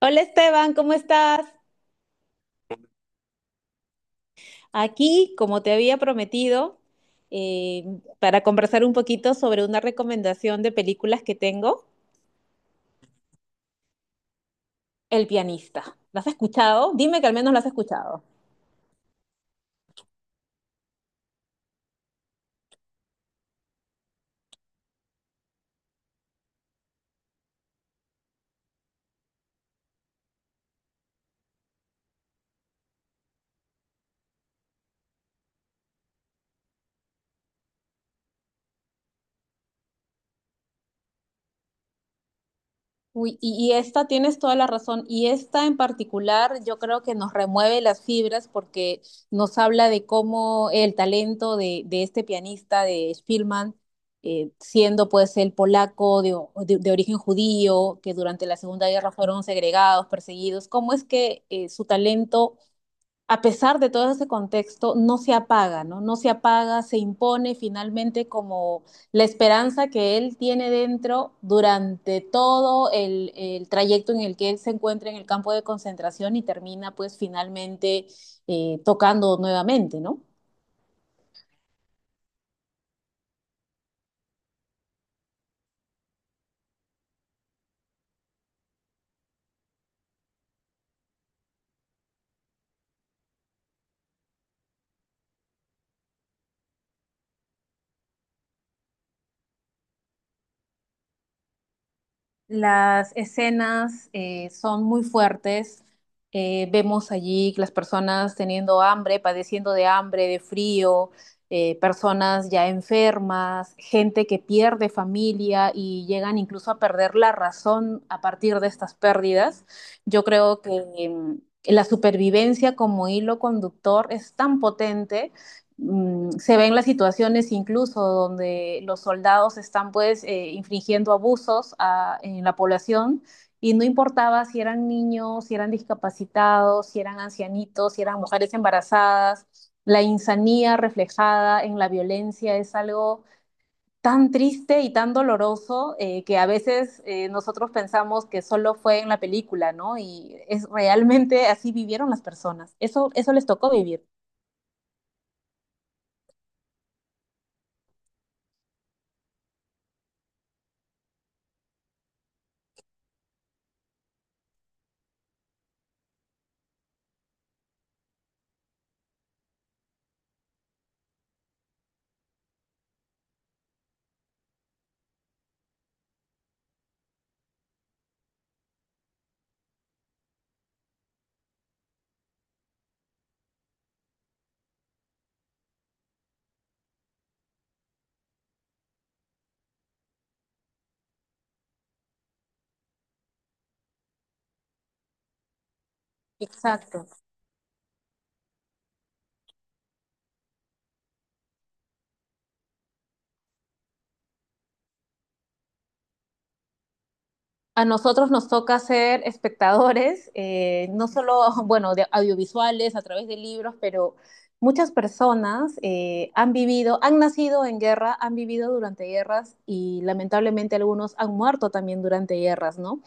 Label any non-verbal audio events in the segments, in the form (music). Hola Esteban, ¿cómo estás? Aquí, como te había prometido, eh, para conversar un poquito sobre una recomendación de películas que tengo, El pianista. ¿Las has escuchado? Dime que al menos las has escuchado. Uy, y esta tienes toda la razón. Y esta en particular yo creo que nos remueve las fibras porque nos habla de cómo el talento de este pianista, de Spielman, siendo pues el polaco de, de origen judío, que durante la Segunda Guerra fueron segregados, perseguidos, cómo es que su talento a pesar de todo ese contexto, no se apaga, ¿no? No se apaga, se impone finalmente como la esperanza que él tiene dentro durante todo el trayecto en el que él se encuentra en el campo de concentración y termina pues finalmente tocando nuevamente, ¿no? Las escenas son muy fuertes. Vemos allí las personas teniendo hambre, padeciendo de hambre, de frío, personas ya enfermas, gente que pierde familia y llegan incluso a perder la razón a partir de estas pérdidas. Yo creo que la supervivencia como hilo conductor es tan potente. Se ven las situaciones incluso donde los soldados están pues infringiendo abusos a, en la población y no importaba si eran niños, si eran discapacitados, si eran ancianitos, si eran mujeres embarazadas, la insanía reflejada en la violencia es algo tan triste y tan doloroso que a veces nosotros pensamos que solo fue en la película, ¿no? Y es realmente así vivieron las personas. Eso les tocó vivir. Exacto. A nosotros nos toca ser espectadores, no solo, (laughs) bueno, de audiovisuales, a través de libros, pero muchas personas han vivido, han nacido en guerra, han vivido durante guerras y lamentablemente algunos han muerto también durante guerras, ¿no?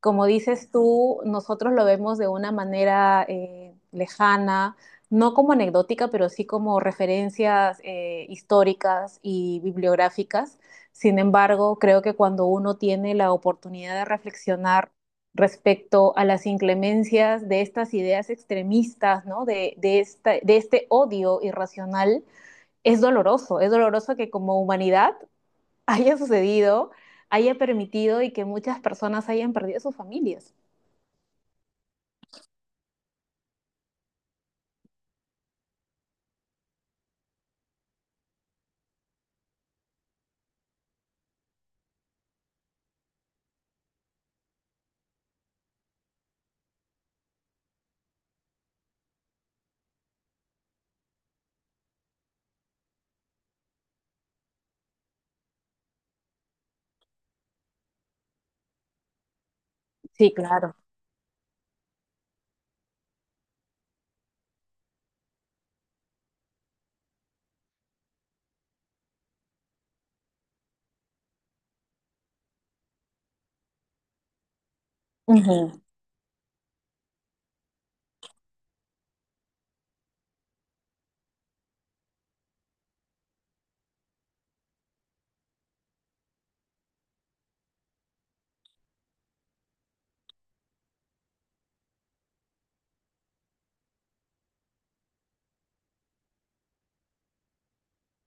Como dices tú, nosotros lo vemos de una manera lejana, no como anecdótica, pero sí como referencias históricas y bibliográficas. Sin embargo, creo que cuando uno tiene la oportunidad de reflexionar respecto a las inclemencias de estas ideas extremistas, ¿no? Esta, de este odio irracional, es doloroso que como humanidad haya sucedido, haya permitido y que muchas personas hayan perdido sus familias. Sí, claro. Ujú.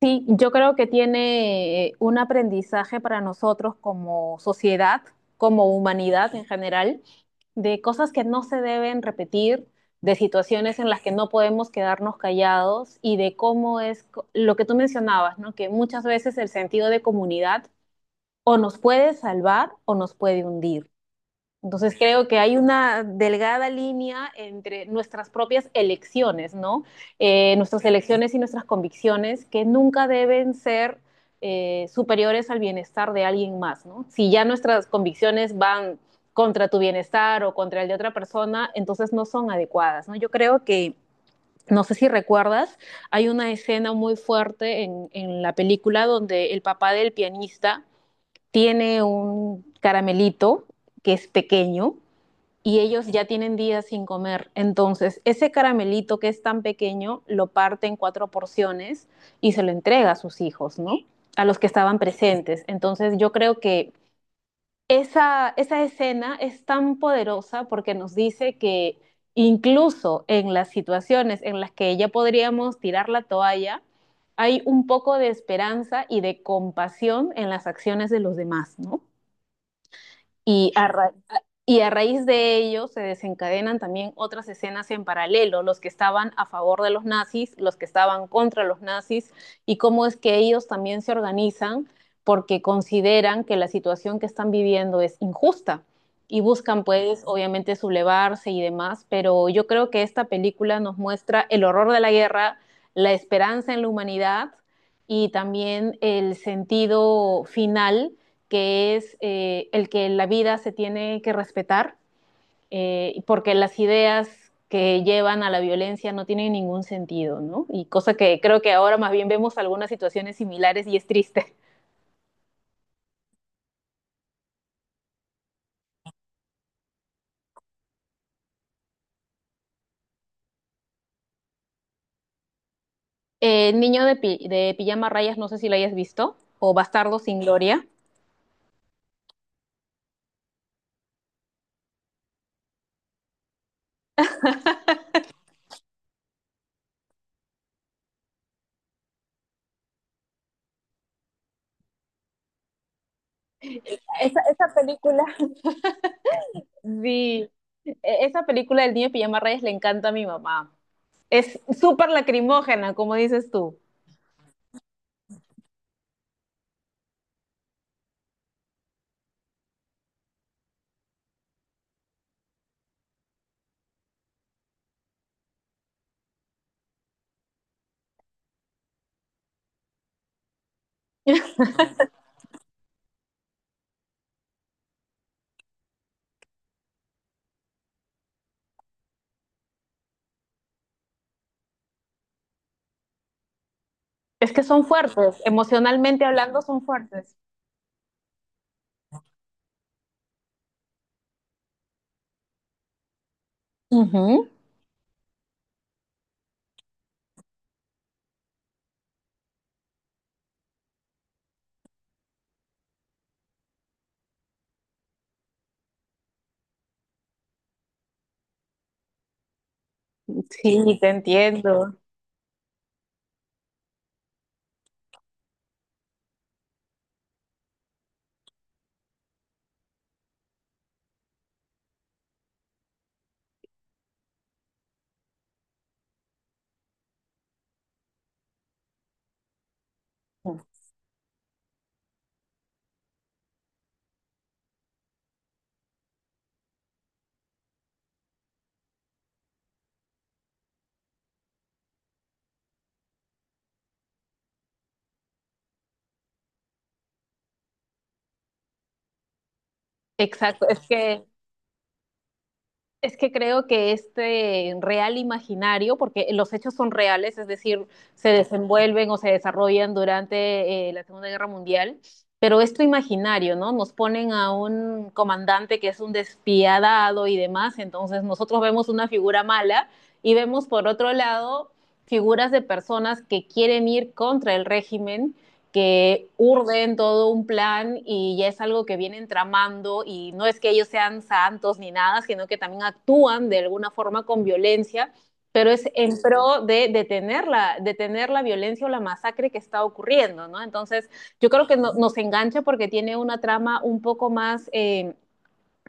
Sí, yo creo que tiene un aprendizaje para nosotros como sociedad, como humanidad en general, de cosas que no se deben repetir, de situaciones en las que no podemos quedarnos callados y de cómo es lo que tú mencionabas, ¿no? Que muchas veces el sentido de comunidad o nos puede salvar o nos puede hundir. Entonces creo que hay una delgada línea entre nuestras propias elecciones, ¿no? Nuestras elecciones y nuestras convicciones que nunca deben ser superiores al bienestar de alguien más, ¿no? Si ya nuestras convicciones van contra tu bienestar o contra el de otra persona, entonces no son adecuadas, ¿no? Yo creo que no sé si recuerdas, hay una escena muy fuerte la película donde el papá del pianista tiene un caramelito que es pequeño y ellos ya tienen días sin comer. Entonces, ese caramelito que es tan pequeño lo parte en cuatro porciones y se lo entrega a sus hijos, ¿no? A los que estaban presentes. Entonces, yo creo que esa escena es tan poderosa porque nos dice que incluso en las situaciones en las que ya podríamos tirar la toalla, hay un poco de esperanza y de compasión en las acciones de los demás, ¿no? Y a raíz de ello se desencadenan también otras escenas en paralelo, los que estaban a favor de los nazis, los que estaban contra los nazis, y cómo es que ellos también se organizan porque consideran que la situación que están viviendo es injusta y buscan pues obviamente sublevarse y demás, pero yo creo que esta película nos muestra el horror de la guerra, la esperanza en la humanidad y también el sentido final que es el que la vida se tiene que respetar, porque las ideas que llevan a la violencia no tienen ningún sentido, ¿no? Y cosa que creo que ahora más bien vemos algunas situaciones similares y es triste. (laughs) Niño de, pi de pijama rayas, no sé si lo hayas visto, o Bastardo sin Gloria. Esa película. (laughs) Sí, esa película del niño de pijama rayas le encanta a mi mamá. Es súper lacrimógena, como dices tú. Es que son fuertes, emocionalmente hablando son fuertes. Uh -huh. Sí, te entiendo. Exacto, es que creo que este real imaginario, porque los hechos son reales, es decir, se desenvuelven o se desarrollan durante la Segunda Guerra Mundial, pero esto imaginario, ¿no? Nos ponen a un comandante que es un despiadado y demás, entonces nosotros vemos una figura mala y vemos por otro lado figuras de personas que quieren ir contra el régimen que urden todo un plan y ya es algo que vienen tramando y no es que ellos sean santos ni nada, sino que también actúan de alguna forma con violencia, pero es en pro de detener la violencia o la masacre que está ocurriendo, ¿no? Entonces, yo creo que no, nos engancha porque tiene una trama un poco más...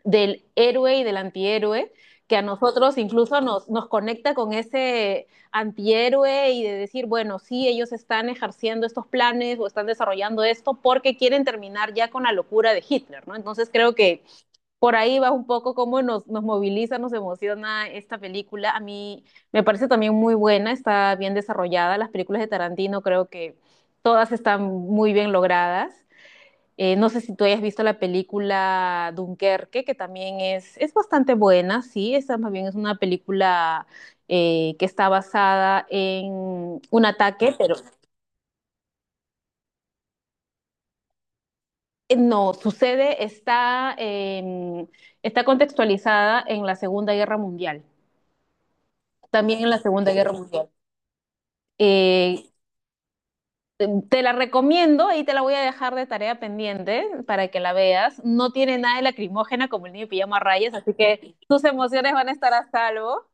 del héroe y del antihéroe, que a nosotros incluso nos conecta con ese antihéroe y de decir, bueno, sí, ellos están ejerciendo estos planes o están desarrollando esto porque quieren terminar ya con la locura de Hitler, ¿no? Entonces creo que por ahí va un poco cómo nos moviliza, nos emociona esta película. A mí me parece también muy buena, está bien desarrollada. Las películas de Tarantino creo que todas están muy bien logradas. No sé si tú hayas visto la película Dunkerque, que también es bastante buena, sí, esa más bien es una película que está basada en un ataque, pero no, sucede, está, está contextualizada en la Segunda Guerra Mundial, también en la Segunda Guerra Mundial. Eh, te la recomiendo y te la voy a dejar de tarea pendiente para que la veas. No tiene nada de lacrimógena como el niño de pijama a rayas, así que tus emociones van a estar a salvo.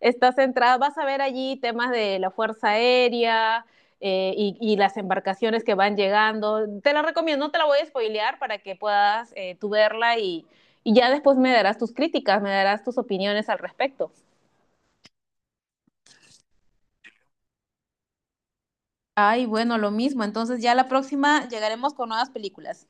Está centrada, vas a ver allí temas de la Fuerza Aérea y las embarcaciones que van llegando. Te la recomiendo, no te la voy a spoilear para que puedas tú verla y ya después me darás tus críticas, me darás tus opiniones al respecto. Ay, bueno, lo mismo. Entonces ya la próxima llegaremos con nuevas películas.